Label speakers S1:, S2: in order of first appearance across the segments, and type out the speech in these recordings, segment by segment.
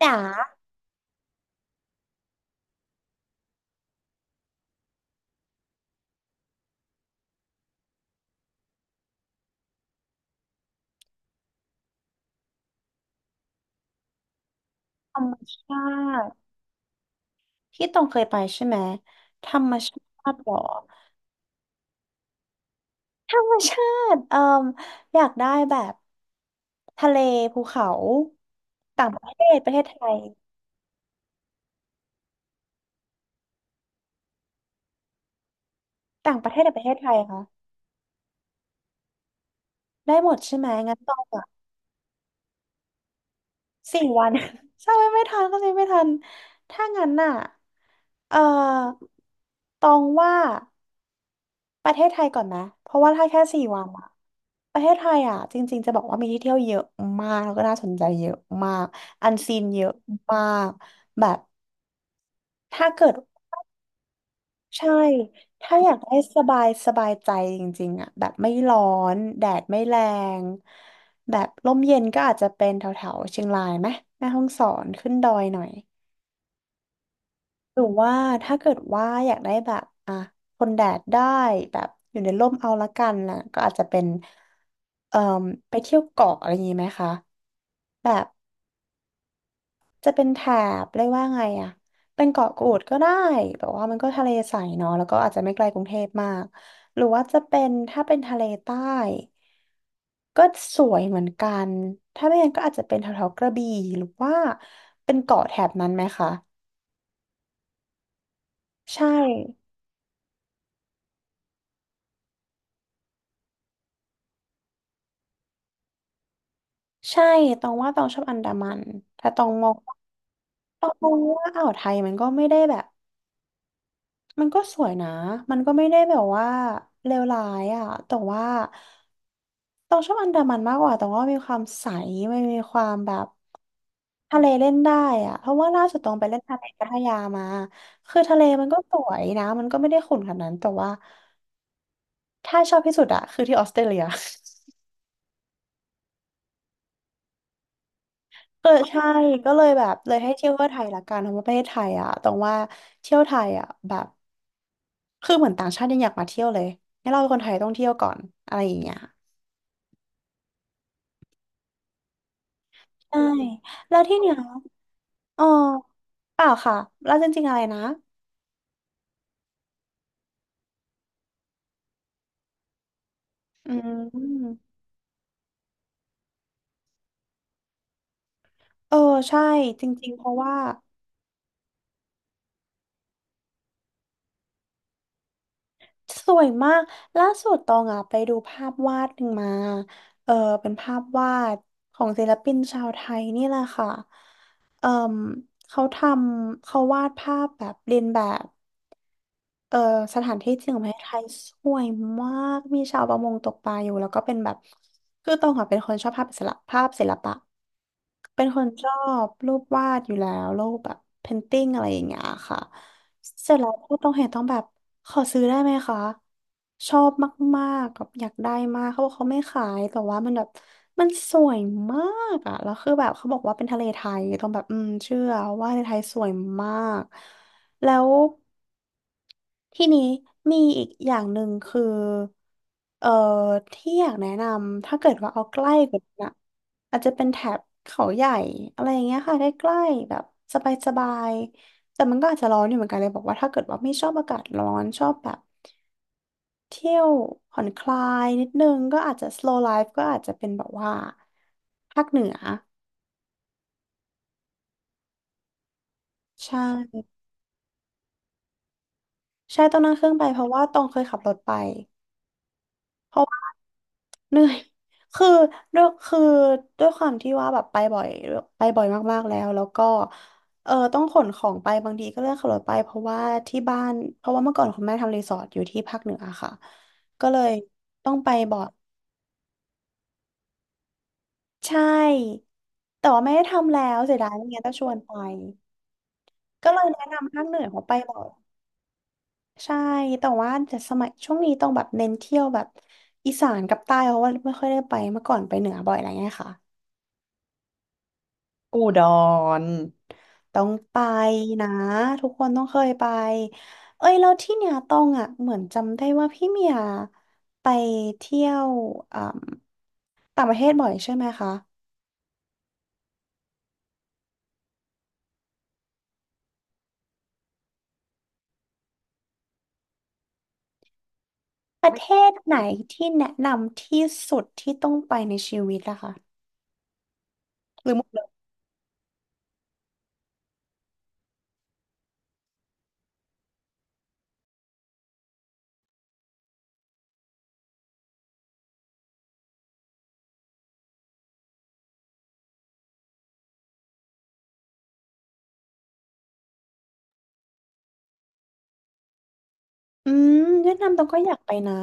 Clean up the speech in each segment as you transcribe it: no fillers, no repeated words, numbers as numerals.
S1: จ๋าธรรมชาติที่ต้องเคยไปใช่ไหมธรรมชาติเหรอธรรมชาติเอ่มอยากได้แบบทะเลภูเขาต่างประเทศประเทศไทยต่างประเทศหรือประเทศไทยคะได้หมดใช่ไหมงั้นต้องอ่ะสี่วัน ใช่ไหมไม่ทันก็เลยไม่ทันถ้างั้นน่ะเอ่อตองว่า ประเทศไทยก่อนไหมเพราะว่าถ้าแค่สี่วันอะประเทศไทยอะจริงๆจะบอกว่ามีที่เที่ยวเยอะมากแล้วก็น่าสนใจเยอะมากอันซีนเยอะมาก แบบถ้าเกิดใช่ ถ้าอยากได้สบายสบายใจจริงๆอะแบบไม่ร้อนแดดไม่แรงแบบลมเย็นก็อาจจะเป็นแถวๆเชียงรายไหมแม่ฮ่องสอนขึ้นดอยหน่อย หรือว่าถ้าเกิดว่าอยากได้แบบอ่ะทนแดดได้แบบอยู่ในร่มเอาละกันนะก็อาจจะเป็นเอ่อไปเที่ยวเกาะอะไรอย่างนี้ไหมคะแบบจะเป็นแถบเรียกว่าไงอ่ะเป็นเกาะกูดก็ได้แบบว่ามันก็ทะเลใสเนาะแล้วก็อาจจะไม่ไกลกรุงเทพมากหรือว่าจะเป็นถ้าเป็นทะเลใต้ก็สวยเหมือนกันถ้าไม่งั้นก็อาจจะเป็นแถวๆกระบี่หรือว่าเป็นเกาะแถบนั้นไหมคะใช่ ใช่ตองว่าตองชอบอันดามันแต่ตองมองตองมองว่าอ่าวไทยมันก็ไม่ได้แบบ มันก็สวยนะมันก็ไม่ได้แบบว่าเลวร้ายอ่ะแต่ว่าตองชอบอันดามันมากกว่าตองว่ามีความใสมันมีความแบบทะเลเล่นได้อ่ะเพราะว่าล่าสุดตองไปเล่นทะเลพัทยามาคือทะเลมันก็สวยนะ มันก็ไม่ได้ขุ่นขนาดนั้น แต่ว่าถ้าชอบที่สุดอะคือที่ออสเตรเลีย เออใช่ก็เลยแบบเลยให้เที่ยวเที่ยวไทยละกันเพราะว่าประเทศไทยอะตรงว่าเที่ยวไทยอะแบบ คือเหมือนต่างชาติยังอยากมาเที่ยวเลยให้นเราเป็นคนไทยต้องเที่ยวก่อนอะไรอย่างเงี้ยใช่แล้วที่เนียเออเปล่าค่ะแล้วจริงๆอะไรนะอืมเออใช่จริงๆเพราะว่าสวยมากล่าสุดตองอ่ะไปดูภาพวาดหนึ่งมาเออเป็นภาพวาดของศิลปินชาวไทยนี่แหละค่ะเออเขาทำเขาวาดภาพแบบเรียนแบบ เออสถานที่จริงของประเทศไทยสวยมาก มีชาวประมงตกปลาอยู่แล้วก็เป็นแบบคือตองอะเป็นคนชอบภาพศิลปภาพศิลปะเป็นคนชอบรูปวาดอยู่แล้วรูปแบบเพนติ้งอะไรอย่างเงี้ยค่ะเสร็จแล้วพอต้องเห็นต้องแบบขอซื้อได้ไหมคะชอบมากๆแบบอยากได้มากเขาบอกเขาไม่ขายแต่ว่ามันแบบมันสวยมากอะแล้วคือแบบเขาบอกว่าเป็นทะเลไทยต้องแบบอืมเชื่อว่าทะเลไทยสวยมากแล้ว ทีนี้มีอีกอย่างหนึ่งคือ เอ่อที่อยากแนะนำถ้าเกิดว่าเอาใกล้กว่านั้นอะอาจจะเป็นแถบเขาใหญ่อะไรอย่างเงี้ยค่ะใกล้ๆแบบสบายๆแต่มันก็อาจจะร้อนอยู่เหมือนกันเลยบอกว่าถ้าเกิดว่าไม่ชอบอากาศร้อนชอบแบบเที่ยวผ่อนคลายนิดนึงก็อาจจะ slow life ก็อาจจะเป็นแบบว่าภาคเหนือใช่ใช่ต้องนั่งเครื่องไปเพราะว่าต้องเคยขับรถไป เหนื่อย คือด้วยคือด้วยความที่ว่าแบบไปบ่อยไปบ่อยมากๆแล้วแล้วก็เออต้องขนของไปบางทีก็เลือกขับรถไปเพราะว่าที่บ้านเพราะว่าเมื่อก่อนคุณแม่ทำรีสอร์ทอยู่ที่ภาคเหนือค่ะ ก็เลยต้องไปบ่อยใช่แต่ว่าไม่ได้ทำแล้วเสียดายไม่งั้นจะชวนไปก็เลยแนะนำภาคเหนือเขาไปบ่อยใช่แต่ว่าจะสมัยช่วงนี้ต้องแบบเน้นเที่ยวแบบอีสานกับใต้เพราะว่าไม่ค่อยได้ไปเมื่อก่อนไปเหนือบ่อยอะไรเงี้ยค่ะ อุดรต้องไปนะทุกคนต้องเคยไปเอ้ยแล้วที่เนี่ยต้องอ่ะเหมือนจำได้ว่าพี่เมียไปเที่ยวอ่าต่างประเทศบ่อยใช่ไหมคะประเทศไหนที่แนะนำที่สุดที่ต้องไปในชีวิตล่ะคะหรือหมดเลยอืมเวียดนามต้องก็อยากไปนะ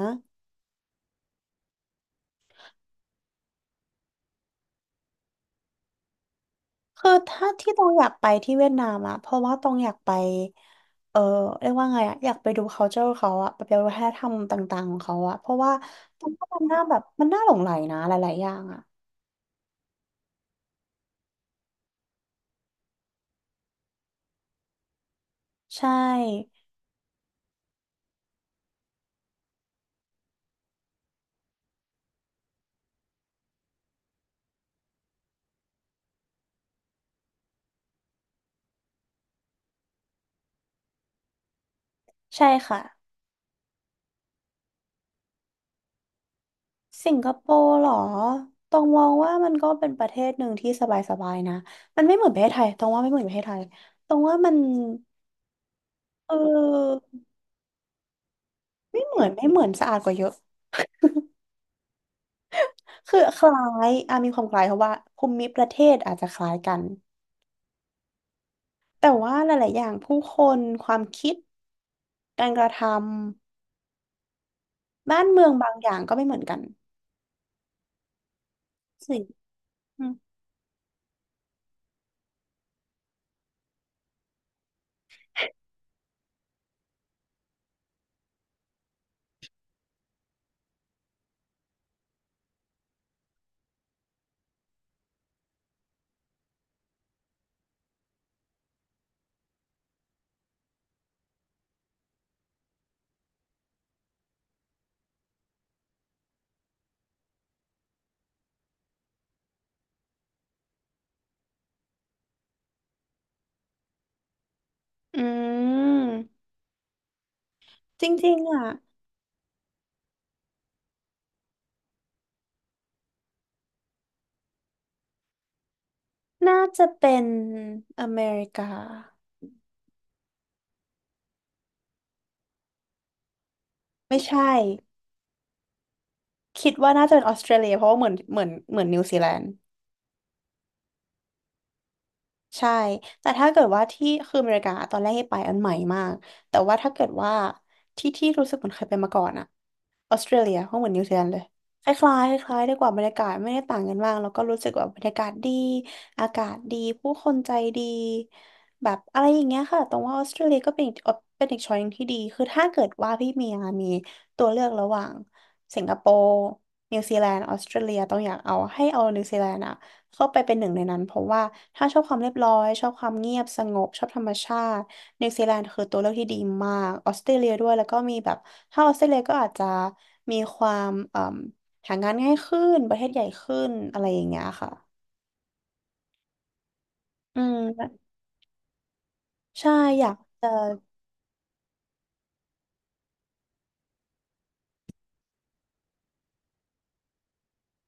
S1: คือถ้าที่ตองอยากไปที่เวียดนามอะเพราะว่าตองอยากไปเออเรียกว่าไงอะอยากไปดู culture เขาอะไปดูวัฒนธรรมต่างๆของเขาอะเพราะว่าตองว่ามันน่าแบบมันน่าหลงใหลนะหลายๆอย่างอะใช่ใช่ค่ะสิงคโปร์เหรอตองมองว่ามันก็เป็นประเทศหนึ่งที่สบายๆนะมันไม่เหมือนประเทศไทยตองว่าไม่เหมือนประเทศไทยตองว่ามันเออไม่เหมือนไม่เหมือนสะอาดกว่าเยอะคือคล้ายอ่ะมีความคล้ายเพราะว่าภูมิประเทศอาจจะคล้ายกัน แต่ว่าหลาย ๆ อย่างผู้คนความคิดการกระทำบ้านเมืองบางอย่างก็ไม่เหมือนกันสิอืมอืมจริงๆอ่ะน่าจะเป็นอเมริกาไม่ใช่คิดว่าน่าจะเป็นออสเตรเลียเพราะว่าเหมือนนิวซีแลนด์ใช่แต่ถ้าเกิดว่าที่คืออเมริกาตอนแรกให้ไปอันใหม่มากแต่ว่าถ้าเกิดว่าที่ที่รู้สึกเหมือนเคยไปมาก่อนอะ ออสเตรเลียหเหมือนนิวซีแลนด์เลยคล้ายๆคล้ายๆไดีกว่าบรรยากาศไม่ได้ต่างกันมากแล้วก็รู้สึกว่าบรรยากาศดีอากาศดีผู้คนใจดีแบบอะไรอย่างเงี้ยค่ะตรงว่าออสเตรเลียก็เป็นอีกเป็นอีกช้อยหนึ่งที่ดีคือถ้าเกิดว่าพี่เมียมีตัวเลือกระหว่างสิงคโปร์นิวซีแลนด์ออสเตรเลียต้องอยากเอาให้เอานิวซีแลนด์อะ เข้าไปเป็นหนึ่งในนั้นเพราะว่าถ้าชอบความเรียบร้อยชอบความเงียบสงบชอบธรรมชาตินิวซีแลนด์คือตัวเลือกที่ดีมากออสเตรเลียด้วยแล้วก็มีแบบถ้าออสเตรเลียก็อาจจะมีความเอ่มหางานง่ายขึ้นประเทศใหญ่ขึ้นอะไรอย่างเงี้ยค่ะอืมใช่อยากจะ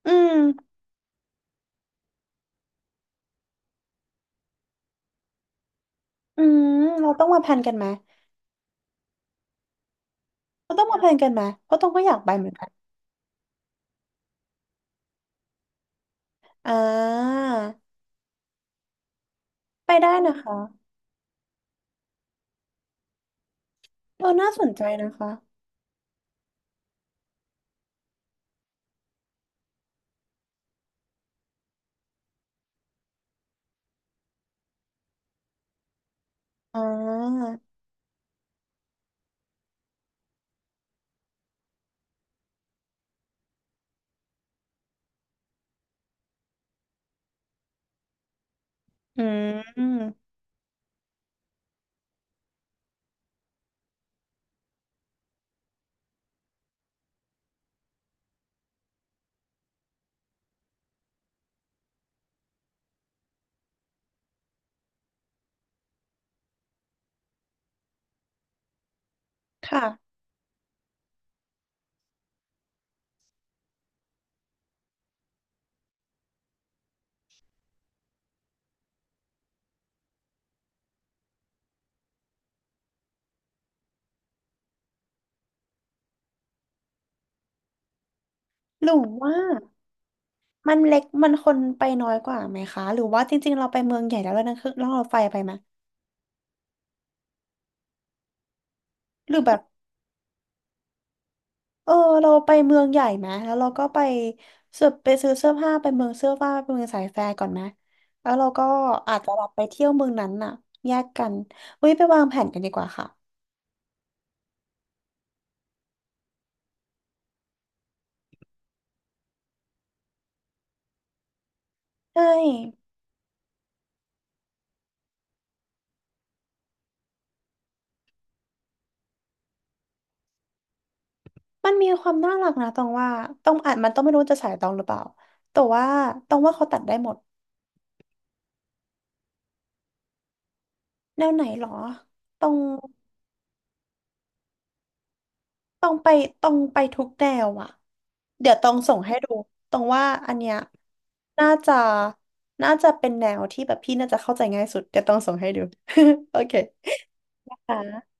S1: อืมอืมเราต้องมาแพลนกันไหมเราต้องมาแพลนกันไหมเพราะต้องก็อยากไปเหมือนกันอ่าไปได้นะคะเออน่าสนใจนะคะอ่าอืมค่ะ หรือว่ามันเล็กมันคนไปน้อยกว่าไหมคะหรือว่าจริงๆเราไปเมืองใหญ่แล้วเรานั่งเครื่องนัองรถไฟไปไหมหรือแบบเออเราไปเมืองใหญ่ไหมแล้วเราก็ไปซื้อเสื้อผ้าไปเมืองเสื้อผ้าไปเมืองสายแฟร์ก่อนไหมแล้วเราก็อาจจะแบบไปเที่ยวเมืองนั้นน่ะแยกกันเฮ้ยไปวางแผนกันดีกว่าค่ะใช่มันมีความน่ารักนะตองว่าต้องอาจมันต้องไม่รู้จะสายตองหรือเปล่าแต่ว่าตองว่าเขาตัดได้หมดแนวไหนหรอตอง ต้องไปต้องไปทุกแนวอ่ะเดี๋ยวต้องส่งให้ดูตรงว่าอันเนี้ยน่าจะน่าจะเป็นแนวที่แบบพี่น่าจะเข้าใจง่ายสุดเดี๋ยวต้องส่งให้ดู โอเคค่ะ